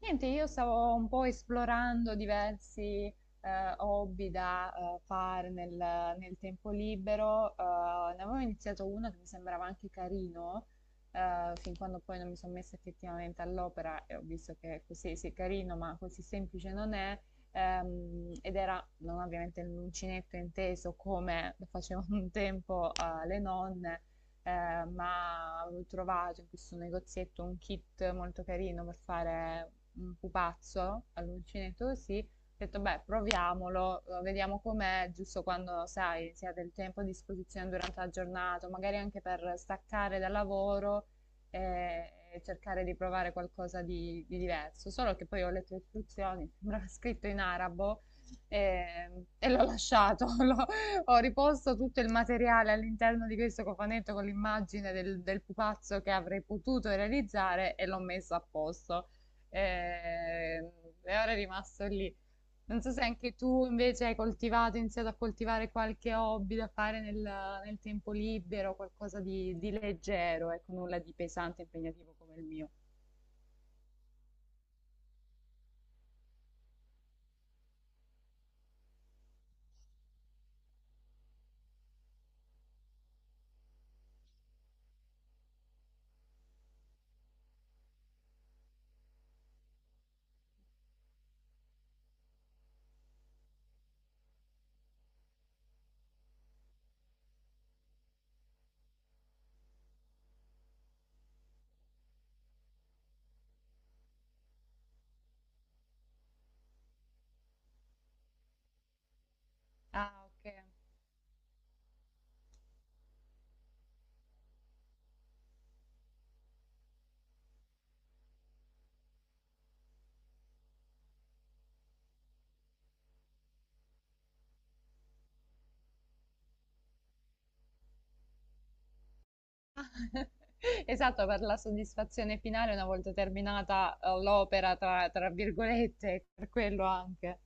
Niente, Io stavo un po' esplorando diversi eh, hobby da fare nel tempo libero. Ne avevo iniziato uno che mi sembrava anche carino, fin quando poi non mi sono messa effettivamente all'opera e ho visto che così sì, è carino, ma così semplice non è. Ed era non ovviamente l'uncinetto inteso come lo facevano un tempo le nonne, ma avevo trovato in questo negozietto un kit molto carino per fare un pupazzo all'uncinetto così. Ho detto, beh, proviamolo, vediamo com'è, giusto quando, sai, si ha del tempo a disposizione durante la giornata, magari anche per staccare dal lavoro e cercare di provare qualcosa di diverso. Solo che poi ho letto le istruzioni, sembrava scritto in arabo e l'ho lasciato, l'ho ho riposto tutto il materiale all'interno di questo cofanetto con l'immagine del pupazzo che avrei potuto realizzare e l'ho messo a posto. Eh, e ora è rimasto lì. Non so se anche tu invece hai coltivato, iniziato a coltivare qualche hobby da fare nel tempo libero, qualcosa di leggero, ecco, nulla di pesante e impegnativo come il mio. Ah, ok. Esatto, per la soddisfazione finale una volta terminata l'opera, tra virgolette, per quello anche.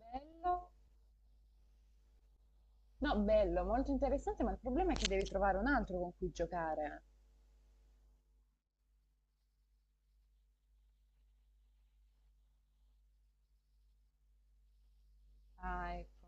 Bello. No, bello, molto interessante, ma il problema è che devi trovare un altro con cui giocare. Ah, ecco.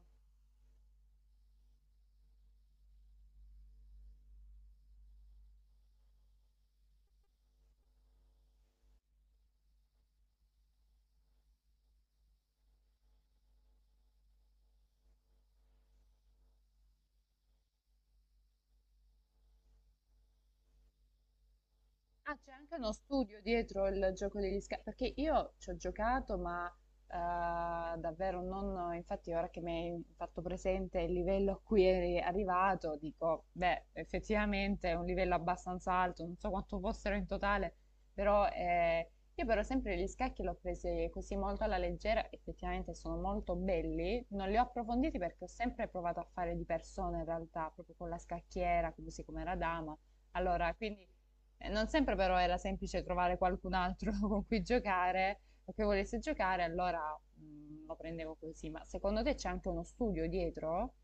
Ah, c'è anche uno studio dietro il gioco degli scafi, perché io ci ho giocato, ma davvero non, infatti ora che mi hai fatto presente il livello a cui eri arrivato, dico, beh, effettivamente è un livello abbastanza alto, non so quanto fossero in totale, però io per esempio gli scacchi l'ho presi così molto alla leggera, effettivamente sono molto belli, non li ho approfonditi perché ho sempre provato a fare di persona in realtà, proprio con la scacchiera, così come era dama, allora quindi... non sempre però era semplice trovare qualcun altro con cui giocare o che volesse giocare, allora lo prendevo così. Ma secondo te c'è anche uno studio dietro?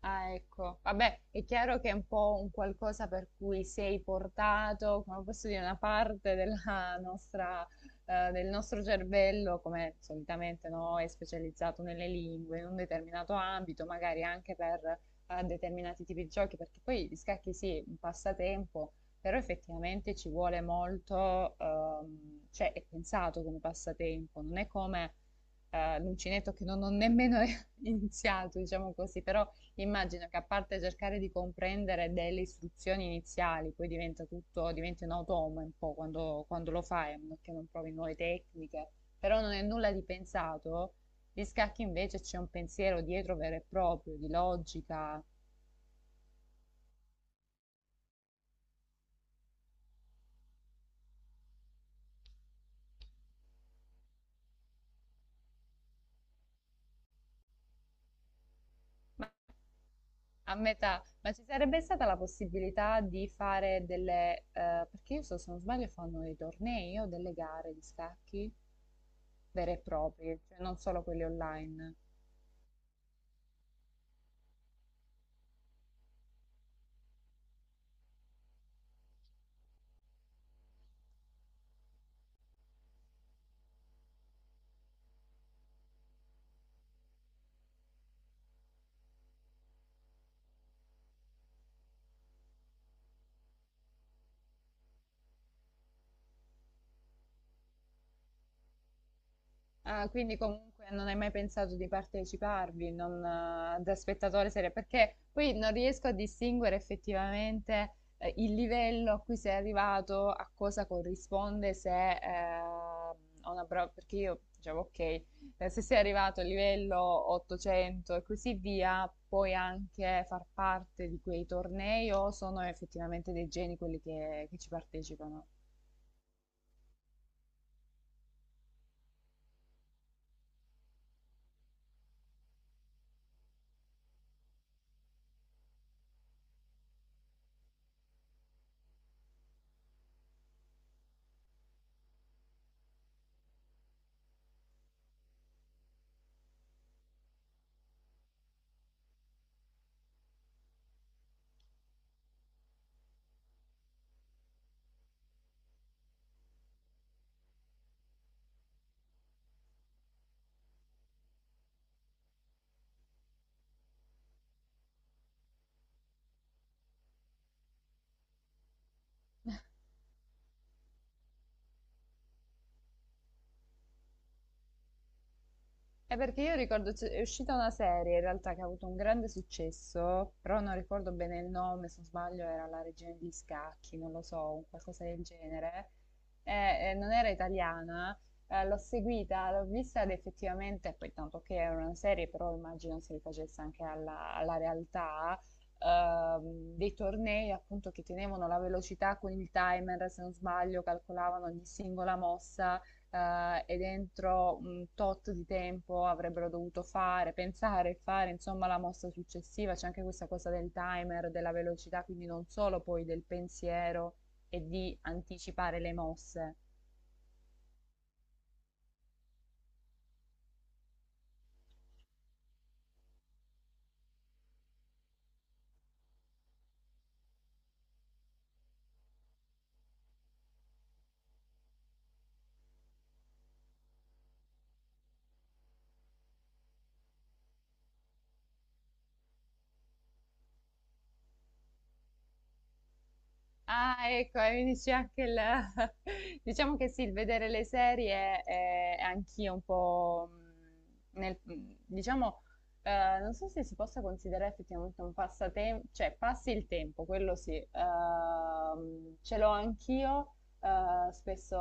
Ah, ecco. Vabbè, è chiaro che è un po' un qualcosa per cui sei portato, come posso dire, una parte della nostra, del nostro cervello, come solitamente no, è specializzato nelle lingue, in un determinato ambito, magari anche per determinati tipi di giochi, perché poi gli scacchi sì, un passatempo, però effettivamente ci vuole molto, cioè è pensato come passatempo, non è come l'uncinetto che non ho nemmeno iniziato, diciamo così, però immagino che a parte cercare di comprendere delle istruzioni iniziali, poi diventa tutto, diventi un automa un po' quando, quando lo fai, a meno che non provi nuove tecniche, però non è nulla di pensato. Gli scacchi invece c'è un pensiero dietro vero e proprio, di logica. Ma a metà, ma ci sarebbe stata la possibilità di fare delle, perché io so, se non sbaglio fanno dei tornei o delle gare di scacchi vere e proprie, cioè non solo quelli online. Ah, quindi comunque non hai mai pensato di parteciparvi, non, da spettatore serio, perché poi non riesco a distinguere effettivamente il livello a cui sei arrivato, a cosa corrisponde se a una prova, perché io dicevo ok, se sei arrivato al livello 800 e così via, puoi anche far parte di quei tornei o sono effettivamente dei geni quelli che ci partecipano? È perché io ricordo, è uscita una serie in realtà che ha avuto un grande successo, però non ricordo bene il nome, se non sbaglio era La Regina degli Scacchi, non lo so, un qualcosa del genere. Non era italiana, l'ho seguita, l'ho vista ed effettivamente, poi tanto che era una serie, però immagino si rifacesse anche alla realtà, dei tornei appunto che tenevano la velocità con il timer, se non sbaglio, calcolavano ogni singola mossa e dentro un tot di tempo avrebbero dovuto fare, pensare e fare, insomma, la mossa successiva. C'è anche questa cosa del timer, della velocità, quindi non solo poi del pensiero e di anticipare le mosse. Ah, ecco, e mi dice anche il... Diciamo che sì, il vedere le serie è anch'io un po' nel... diciamo, non so se si possa considerare effettivamente un passatempo, cioè passi il tempo, quello sì. Ce l'ho anch'io, spesso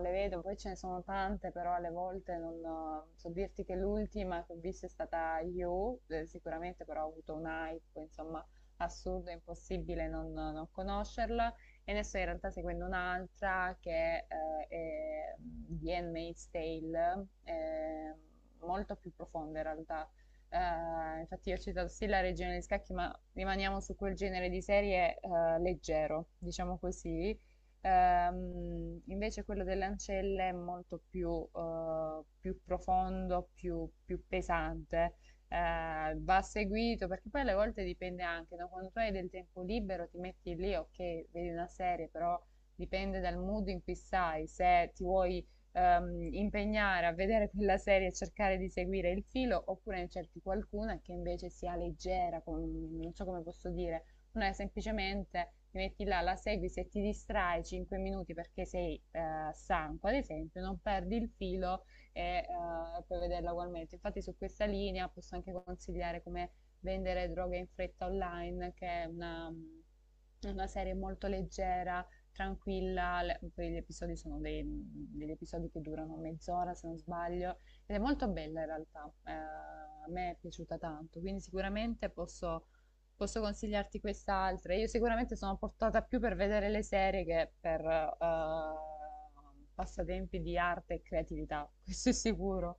le vedo, poi ce ne sono tante, però alle volte non so dirti che l'ultima che ho visto è stata You, sicuramente però ho avuto un hype, insomma assurdo, è impossibile non conoscerla. E ne sto in realtà seguendo un'altra che è The Handmaid's Tale, molto più profonda in realtà. Infatti io ho citato sì la Regina degli Scacchi, ma rimaniamo su quel genere di serie leggero, diciamo così. Invece quello delle ancelle è molto più, più profondo, più pesante va seguito, perché poi alle volte dipende anche, no? Quando tu hai del tempo libero ti metti lì, ok, vedi una serie, però dipende dal mood in cui stai, se ti vuoi impegnare a vedere quella serie e cercare di seguire il filo, oppure ne cerchi qualcuna che invece sia leggera, non so come posso dire, una è semplicemente ti metti là, la segui, se ti distrai 5 minuti perché sei stanco, ad esempio, non perdi il filo e puoi vederla ugualmente. Infatti su questa linea posso anche consigliare come vendere droghe in fretta online, che è una, mm, una serie molto leggera, tranquilla, poi gli episodi sono degli episodi che durano mezz'ora se non sbaglio, ed è molto bella in realtà, a me è piaciuta tanto, quindi sicuramente posso consigliarti quest'altra. Io sicuramente sono portata più per vedere le serie che per passatempi di arte e creatività, questo è sicuro.